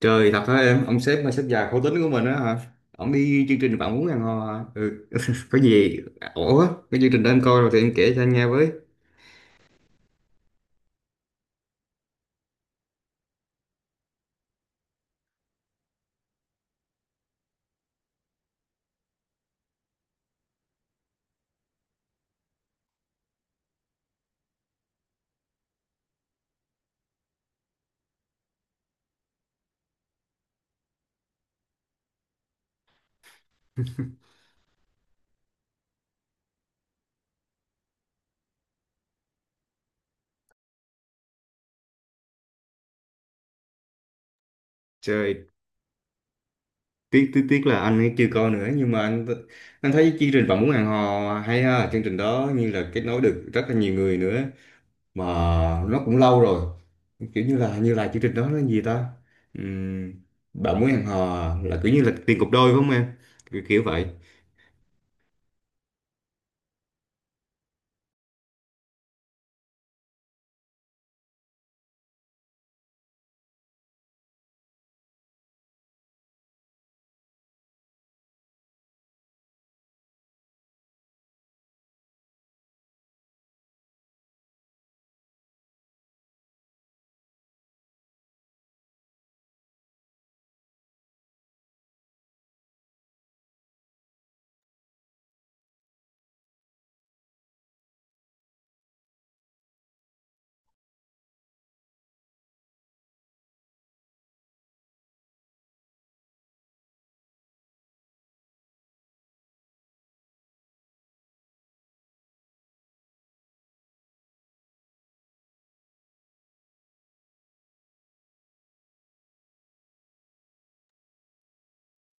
Trời thật hả em, ông sếp mà sếp già khổ tính của mình á hả? Ông đi chương trình bạn muốn ăn hò hả? Ừ. Có gì ổn á, cái chương trình đó anh coi rồi thì em kể cho anh nghe với. Trời, tiếc tiếc tiếc là anh ấy chưa coi nữa, nhưng mà anh thấy chương trình bạn muốn hẹn hò hay ha, chương trình đó như là kết nối được rất là nhiều người nữa mà nó cũng lâu rồi. Kiểu như là chương trình đó là gì ta? Ừm, Bạn muốn hẹn hò là kiểu như là tiền cục đôi phải không em? Kiểu vậy.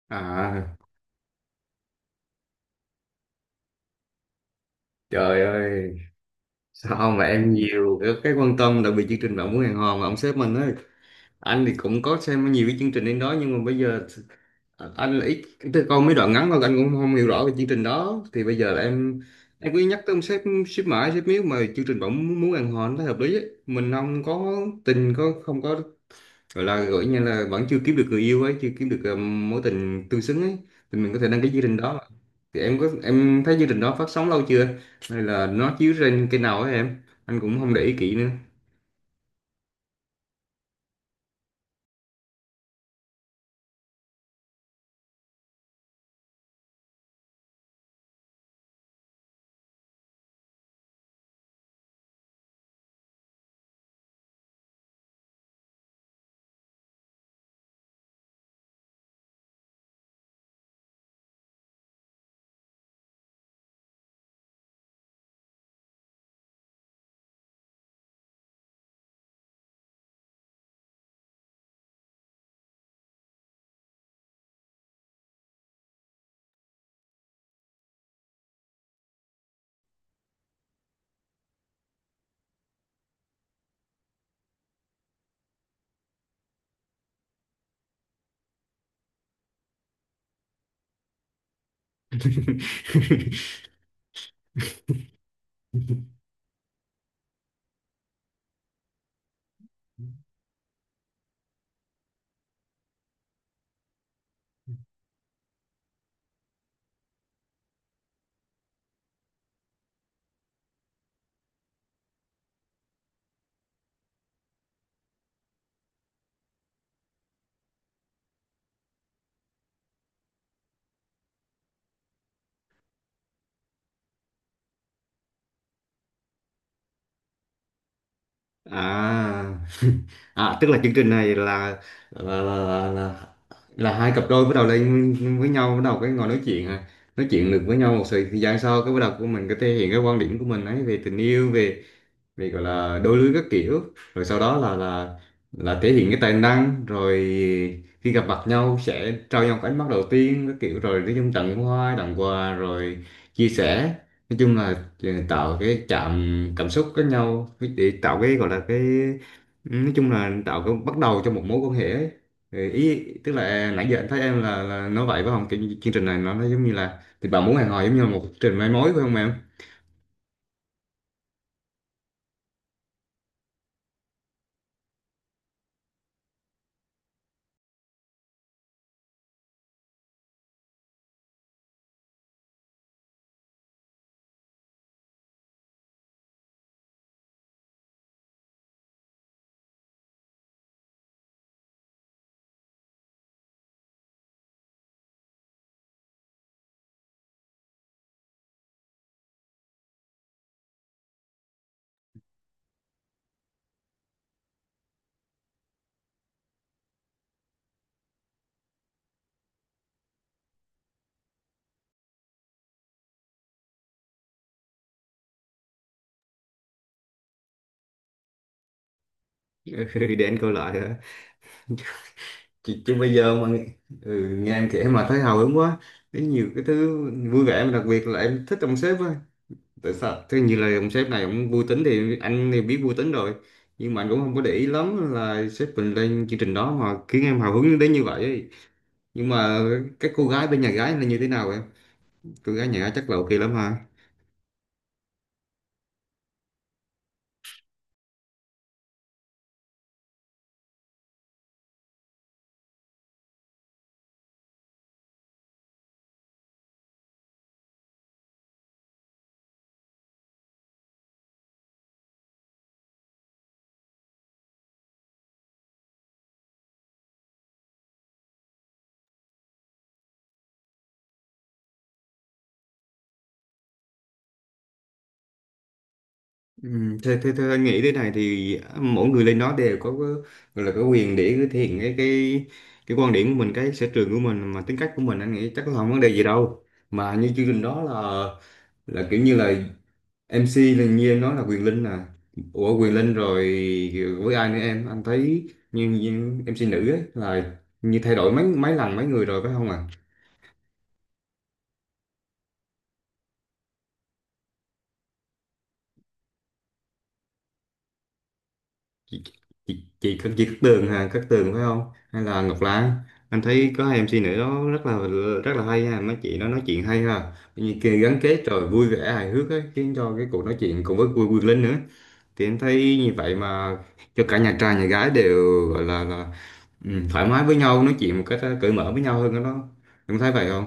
À, trời ơi, sao mà em nhiều cái quan tâm đặc biệt chương trình Bạn muốn hẹn hò mà ông sếp mình ấy. Anh thì cũng có xem nhiều cái chương trình đến đó nhưng mà bây giờ anh là ít, tức là coi mấy đoạn ngắn thôi, anh cũng không hiểu rõ về chương trình đó. Thì bây giờ là em cứ nhắc tới ông sếp, sếp mãi sếp miếu, mà chương trình Bạn muốn muốn hẹn hò nó thấy hợp lý ấy. Mình không có tình, có không có, gọi là gọi như là vẫn chưa kiếm được người yêu ấy, chưa kiếm được mối tình tương xứng ấy, thì mình có thể đăng cái chương trình đó. Thì em có em thấy chương trình đó phát sóng lâu chưa, hay là nó chiếu trên kênh nào ấy em, anh cũng không để ý kỹ nữa. à à, tức là chương trình này là là, là, là là hai cặp đôi bắt đầu lên với nhau, bắt đầu cái ngồi nói chuyện à, nói chuyện được với nhau một thời gian sau cái bắt đầu của mình có thể hiện cái quan điểm của mình ấy về tình yêu, về vì gọi là đôi lứa các kiểu, rồi sau đó là thể hiện cái tài năng, rồi khi gặp mặt nhau sẽ trao nhau cái ánh mắt đầu tiên các kiểu, rồi nói chung tặng hoa tặng quà rồi chia sẻ, nói chung là tạo cái chạm cảm xúc với nhau để tạo cái gọi là cái, nói chung là tạo cái bắt đầu cho một mối quan hệ ấy. Ừ, ý tức là à, nãy giờ anh thấy em là nói vậy phải không, cái chương trình này nó giống như là thì bạn muốn hẹn hò giống như là một chương trình mai mối phải không em? Ừ, để anh coi lại hả? Chứ bây giờ mà nghe- ừ, nghe em kể mà thấy hào hứng quá. Thấy nhiều cái thứ vui vẻ, mà đặc biệt là em thích ông sếp á, tại sao thế, như là ông sếp này ông vui tính thì anh thì biết vui tính rồi, nhưng mà anh cũng không có để ý lắm là sếp mình lên chương trình đó mà khiến em hào hứng đến như vậy ấy. Nhưng mà các cô gái bên nhà gái là như thế nào em, cô gái nhà gái chắc là ok lắm ha. Ừ, theo anh nghĩ thế này thì mỗi người lên đó đều có gọi là có quyền để thể hiện cái quan điểm của mình, cái sở trường của mình, mà tính cách của mình, anh nghĩ chắc là không vấn đề gì đâu. Mà như chương trình đó là kiểu như là MC là như em nói là Quyền Linh à? Ủa Quyền Linh rồi với ai nữa em, anh thấy như MC nữ ấy là như thay đổi mấy mấy lần mấy người rồi phải không ạ? Chị, chị, chị, Cát- chị Cát Tường hả, Cát Tường phải không, hay là Ngọc Lan? Anh thấy có hai MC nữ đó rất là hay ha, mấy chị nó nói chuyện hay ha, như kia gắn kết rồi vui vẻ hài hước ấy, khiến cho cái cuộc nói chuyện cùng với vui vui Linh nữa, thì em thấy như vậy mà, cho cả nhà trai nhà gái đều gọi là thoải mái với nhau, nói chuyện một cách cởi mở với nhau hơn đó. Em thấy vậy không?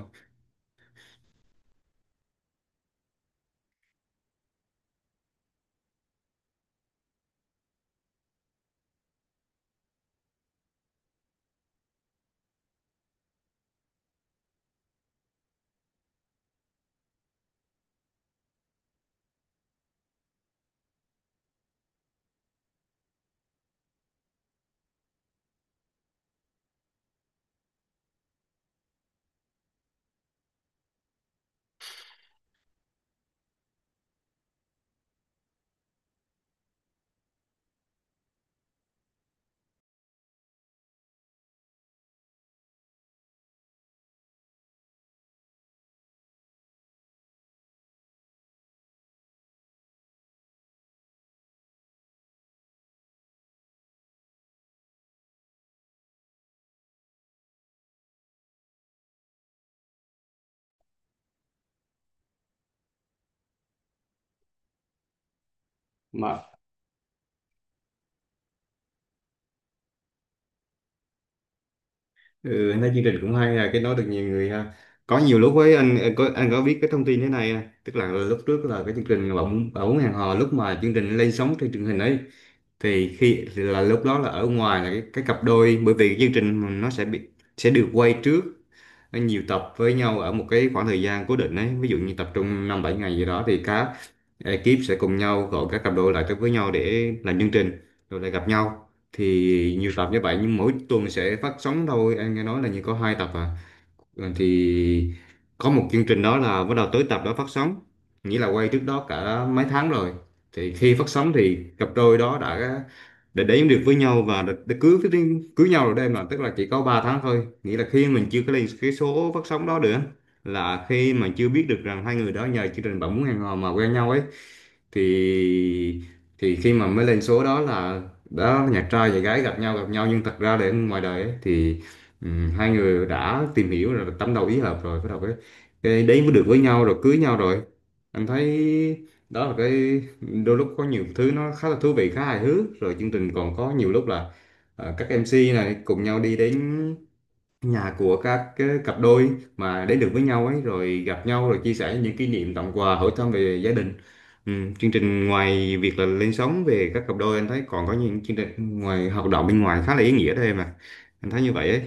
Ừ, anh thấy chương trình cũng hay là cái nói được nhiều người ha. Có nhiều lúc với anh có biết cái thông tin thế này à? Tức là lúc trước là cái chương trình bỗng bỗng hẹn hò, lúc mà chương trình lên sóng trên truyền hình ấy, thì khi thì là lúc đó là ở ngoài là cái cặp đôi, bởi vì chương trình nó sẽ được quay trước nhiều tập với nhau ở một cái khoảng thời gian cố định ấy, ví dụ như tập trung năm bảy ngày gì đó thì các ekip sẽ cùng nhau gọi các cặp đôi lại tới với nhau để làm chương trình rồi lại gặp nhau, thì nhiều tập như vậy nhưng mỗi tuần sẽ phát sóng thôi, em nghe nói là như có hai tập à. Ừ, thì có một chương trình đó là bắt đầu tới tập đó phát sóng nghĩa là quay trước đó cả mấy tháng rồi. Thì khi phát sóng thì cặp đôi đó đã đến được với nhau và đã cưới cưới nhau rồi đó em, là tức là chỉ có 3 tháng thôi, nghĩa là khi mình chưa có lên cái số phát sóng đó được á, là khi mà chưa biết được rằng hai người đó nhờ chương trình bạn muốn hẹn hò mà quen nhau ấy, thì thì khi mà mới lên số đó là đó nhạc trai và gái gặp nhau nhưng thật ra để ngoài đời ấy, thì hai người đã tìm hiểu rồi tâm đầu ý hợp rồi bắt đầu cái đấy mới được với nhau rồi cưới nhau rồi. Anh thấy đó là cái đôi lúc có nhiều thứ nó khá là thú vị khá hài hước, rồi chương trình còn có nhiều lúc là các MC này cùng nhau đi đến nhà của các cái cặp đôi mà đến được với nhau ấy, rồi gặp nhau rồi chia sẻ những kỷ niệm, tặng quà, hỏi thăm về gia đình. Ừ, chương trình ngoài việc là lên sóng về các cặp đôi, anh thấy còn có những chương trình ngoài hoạt động bên ngoài khá là ý nghĩa đó em à, anh thấy như vậy ấy.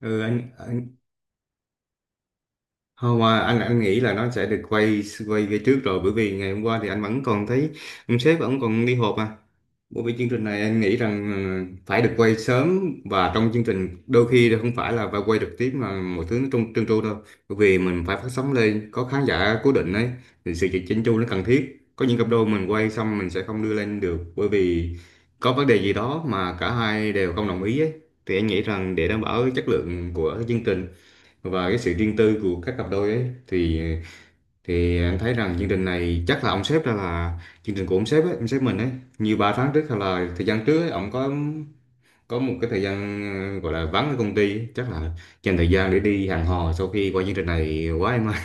Ừ, anh, không mà anh nghĩ là nó sẽ được quay quay về trước rồi, bởi vì ngày hôm qua thì anh vẫn còn thấy ông sếp vẫn còn đi họp mà. Bởi vì chương trình này anh nghĩ rằng phải được quay sớm, và trong chương trình đôi khi là không phải là phải quay trực tiếp mà mọi thứ nó trơn trơn tru đâu. Bởi vì mình phải phát sóng lên có khán giả cố định ấy thì sự chỉnh chu nó cần thiết. Có những cặp đôi mình quay xong mình sẽ không đưa lên được bởi vì có vấn đề gì đó mà cả hai đều không đồng ý ấy. Thì anh nghĩ rằng để đảm bảo chất lượng của chương trình và cái sự riêng tư của các cặp đôi ấy, thì anh thấy rằng chương trình này chắc là ông sếp ra là chương trình của ông sếp ấy, ông sếp mình ấy, như 3 tháng trước hay là thời gian trước ấy, ông có một cái thời gian gọi là vắng ở công ty ấy. Chắc là dành thời gian để đi hẹn hò sau khi qua chương trình này quá em ơi.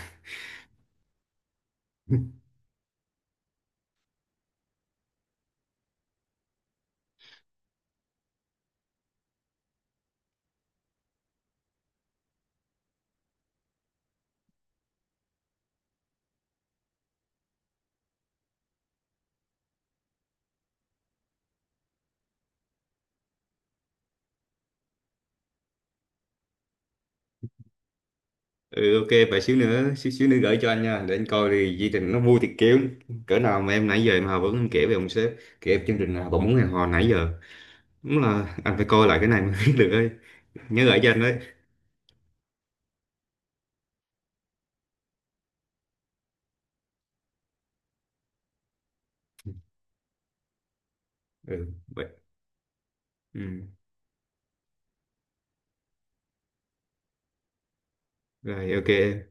Ừ, ok, vậy xíu nữa, xíu xíu nữa gửi cho anh nha, để anh coi thì chương trình nó vui thiệt, kiểu cỡ nào mà em nãy giờ em Hà vẫn em kể về ông sếp, kể về chương trình nào bọn muốn hẹn hò nãy giờ, đúng là anh phải coi lại cái này mới biết được ấy, nhớ gửi cho anh đấy. Ừ, vậy. Ừ. Rồi ok em.